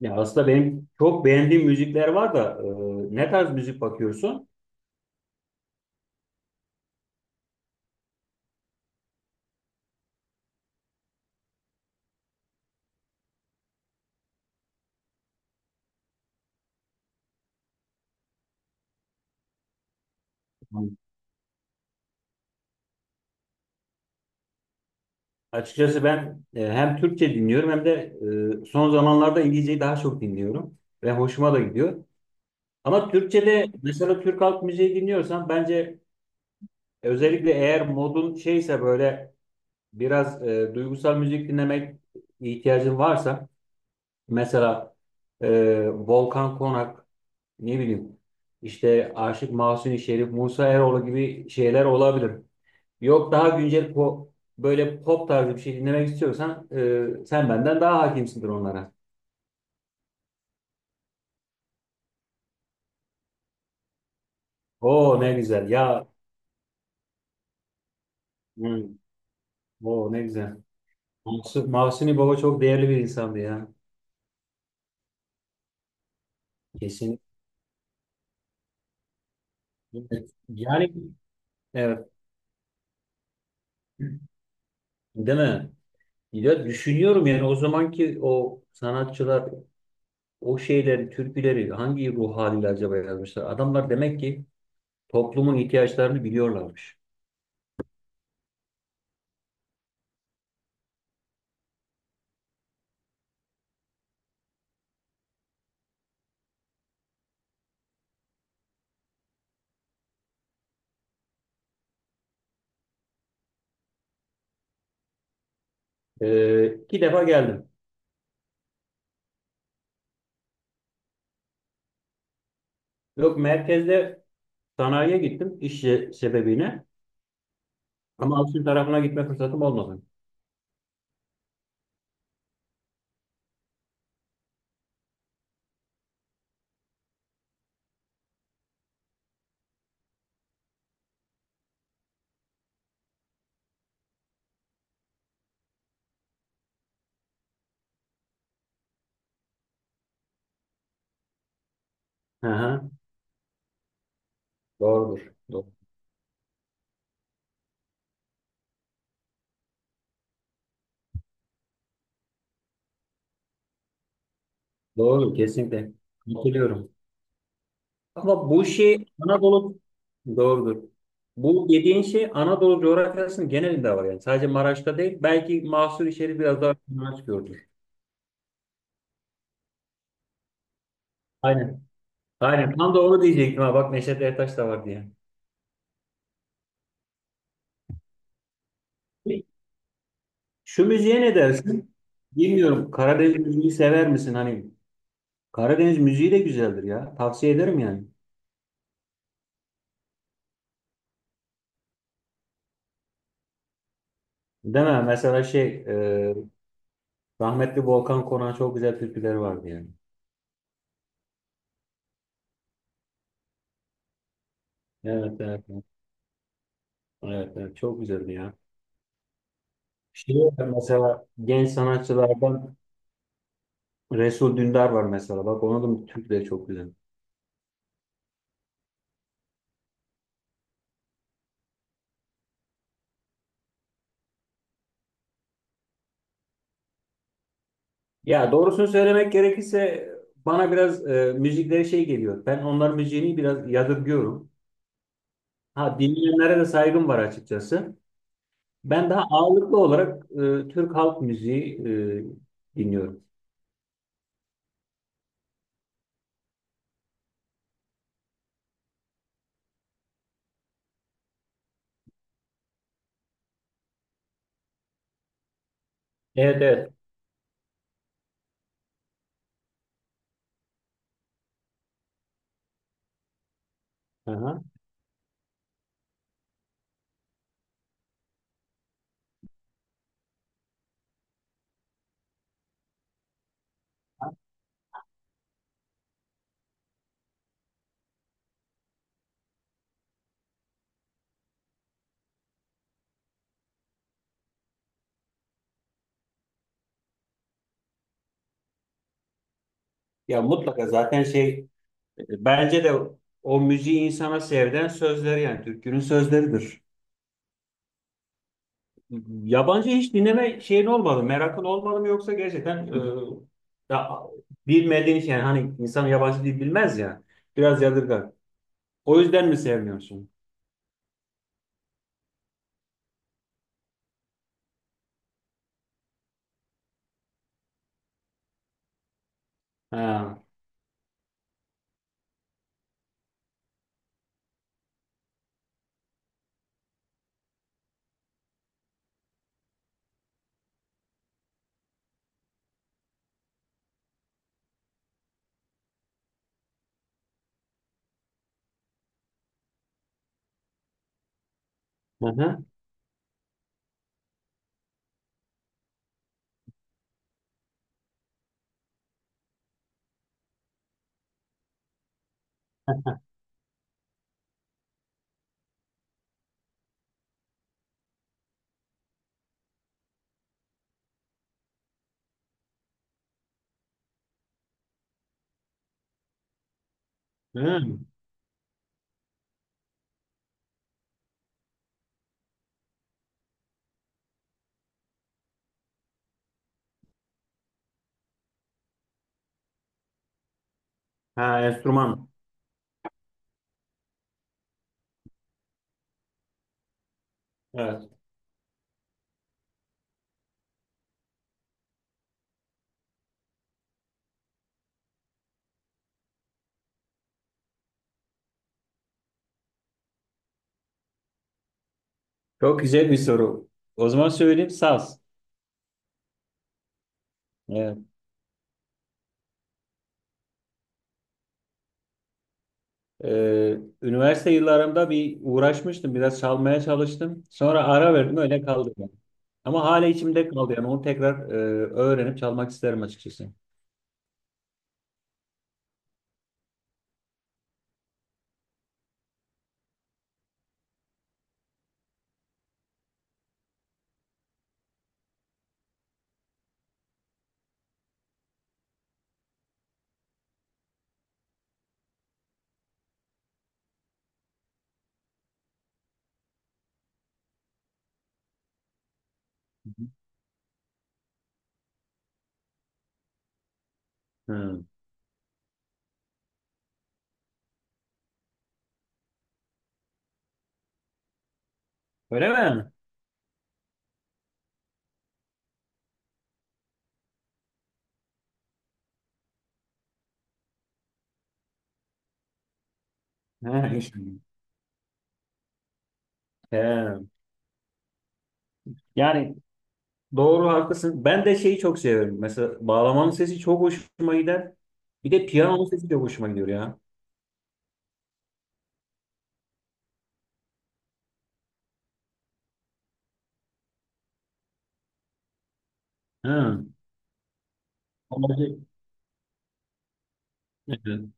Ya aslında benim çok beğendiğim müzikler var da ne tarz müzik bakıyorsun? Açıkçası ben hem Türkçe dinliyorum hem de son zamanlarda İngilizceyi daha çok dinliyorum ve hoşuma da gidiyor. Ama Türkçe'de mesela Türk halk müziği dinliyorsan bence özellikle eğer modun şeyse böyle biraz duygusal müzik dinlemek ihtiyacın varsa mesela Volkan Konak, ne bileyim, işte Aşık Mahzuni Şerif, Musa Eroğlu gibi şeyler olabilir. Yok, daha güncel böyle pop tarzı bir şey dinlemek istiyorsan sen benden daha hakimsindir onlara. Oo, ne güzel ya. Hı. Oo, ne güzel. Mahsuni Baba çok değerli bir insandı ya. Kesin. Yani evet. Değil mi? Ya düşünüyorum yani, o zamanki o sanatçılar o şeyleri, türküleri hangi ruh haliyle acaba yazmışlar? Adamlar demek ki toplumun ihtiyaçlarını biliyorlarmış. İki defa geldim. Yok, merkezde. Sanayiye gittim iş sebebiyle, ama altın tarafına gitme fırsatım olmadı. Hı hı. Doğrudur. Doğru, kesinlikle. Katılıyorum. Ama bu şey Anadolu doğrudur. Bu dediğin şey Anadolu coğrafyasının genelinde var yani. Sadece Maraş'ta değil. Belki mahsur şerif biraz daha Maraş gördür. Aynen. Aynen. Tam da onu diyecektim ha. Bak, Neşet Ertaş da var diye. Şu müziğe ne dersin? Bilmiyorum. Karadeniz müziği sever misin? Hani Karadeniz müziği de güzeldir ya. Tavsiye ederim yani. Değil mi? Mesela şey, rahmetli Volkan Konak'ın çok güzel türküleri vardı yani. Evet, evet, evet, evet, evet. Çok güzeldi ya. Şey var mesela, genç sanatçılardan Resul Dündar var mesela. Bak, onun da türküleri çok güzel. Ya doğrusunu söylemek gerekirse bana biraz müzikleri şey geliyor. Ben onların müziğini biraz yadırgıyorum. Ha, dinleyenlere de saygım var açıkçası. Ben daha ağırlıklı olarak Türk halk müziği dinliyorum. Evet, evet. Aha. Ya mutlaka zaten şey. Bence de o müziği insana sevdiren sözleri, yani türkünün sözleridir. Yabancı hiç dinleme şeyin olmadı, merakın olmadı mı, yoksa gerçekten ya, bilmediğin için, yani hani insan yabancı dil bilmez ya, biraz yadırgar. O yüzden mi sevmiyorsun? Ha. Hı hı. Hı. Ha, enstrüman. Evet. Çok güzel bir soru. O zaman söyleyeyim, saz. Evet. Üniversite yıllarımda bir uğraşmıştım, biraz çalmaya çalıştım. Sonra ara verdim, öyle kaldı yani. Ama hala içimde kaldı yani, onu tekrar öğrenip çalmak isterim açıkçası. Hı. Öyle mi? Ha, işte. He. Yani doğru, haklısın. Ben de şeyi çok seviyorum. Mesela bağlamanın sesi çok hoşuma gider. Bir de piyanonun sesi de hoşuma gidiyor ya. Hı. Onları- Evet,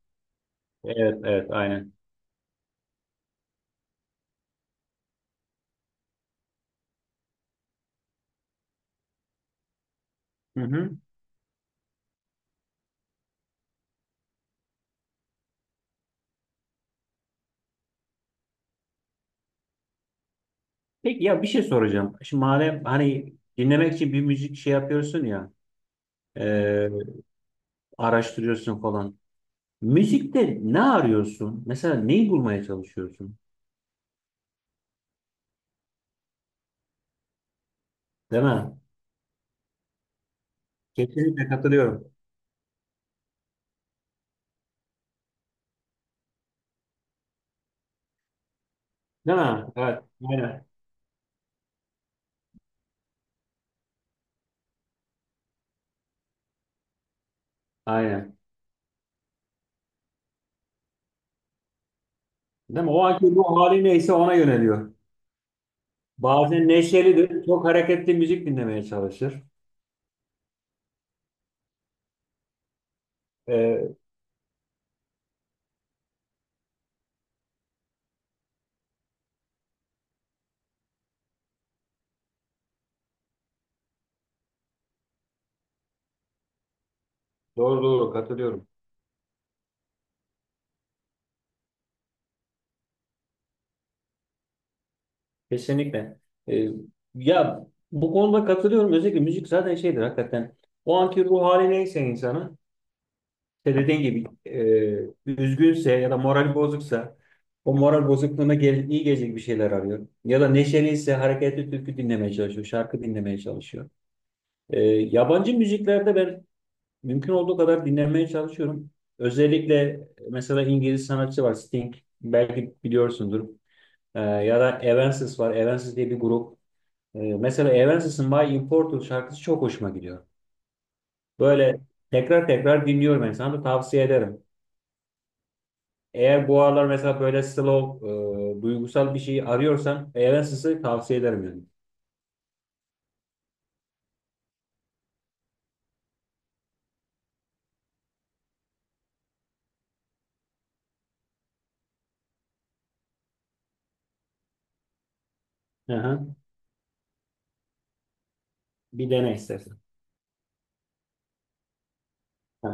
evet, evet, aynen. Hı hı. Peki, ya bir şey soracağım. Şimdi madem hani dinlemek için bir müzik şey yapıyorsun ya, e, araştırıyorsun falan. Müzikte ne arıyorsun? Mesela neyi bulmaya çalışıyorsun? Değil mi? Kesinlikle katılıyorum. Değil mi? Evet. Aynen. Aynen. Değil mi? O anki ruh hali neyse ona yöneliyor. Bazen neşelidir. Çok hareketli müzik dinlemeye çalışır. E, doğru doğru, katılıyorum. Kesinlikle. Ee, ya bu konuda katılıyorum. Özellikle müzik zaten şeydir hakikaten. O anki ruh hali neyse insanın, işte dediğin gibi üzgünse ya da moral bozuksa o moral bozukluğuna gel, iyi gelecek bir şeyler arıyor. Ya da neşeliyse hareketli türkü dinlemeye çalışıyor, şarkı dinlemeye çalışıyor. Yabancı müziklerde ben mümkün olduğu kadar dinlemeye çalışıyorum. Özellikle mesela İngiliz sanatçı var, Sting. Belki biliyorsundur. Ya da Evanescence var. Evanescence diye bir grup. Mesela Evanescence My Immortal şarkısı çok hoşuma gidiyor. Böyle tekrar tekrar dinliyorum yani, sana da tavsiye ederim. Eğer bu aralar mesela böyle slow, duygusal bir şey arıyorsan Evanescence'ı tavsiye ederim yani. Hı hı. Bir dene istersen. Ha.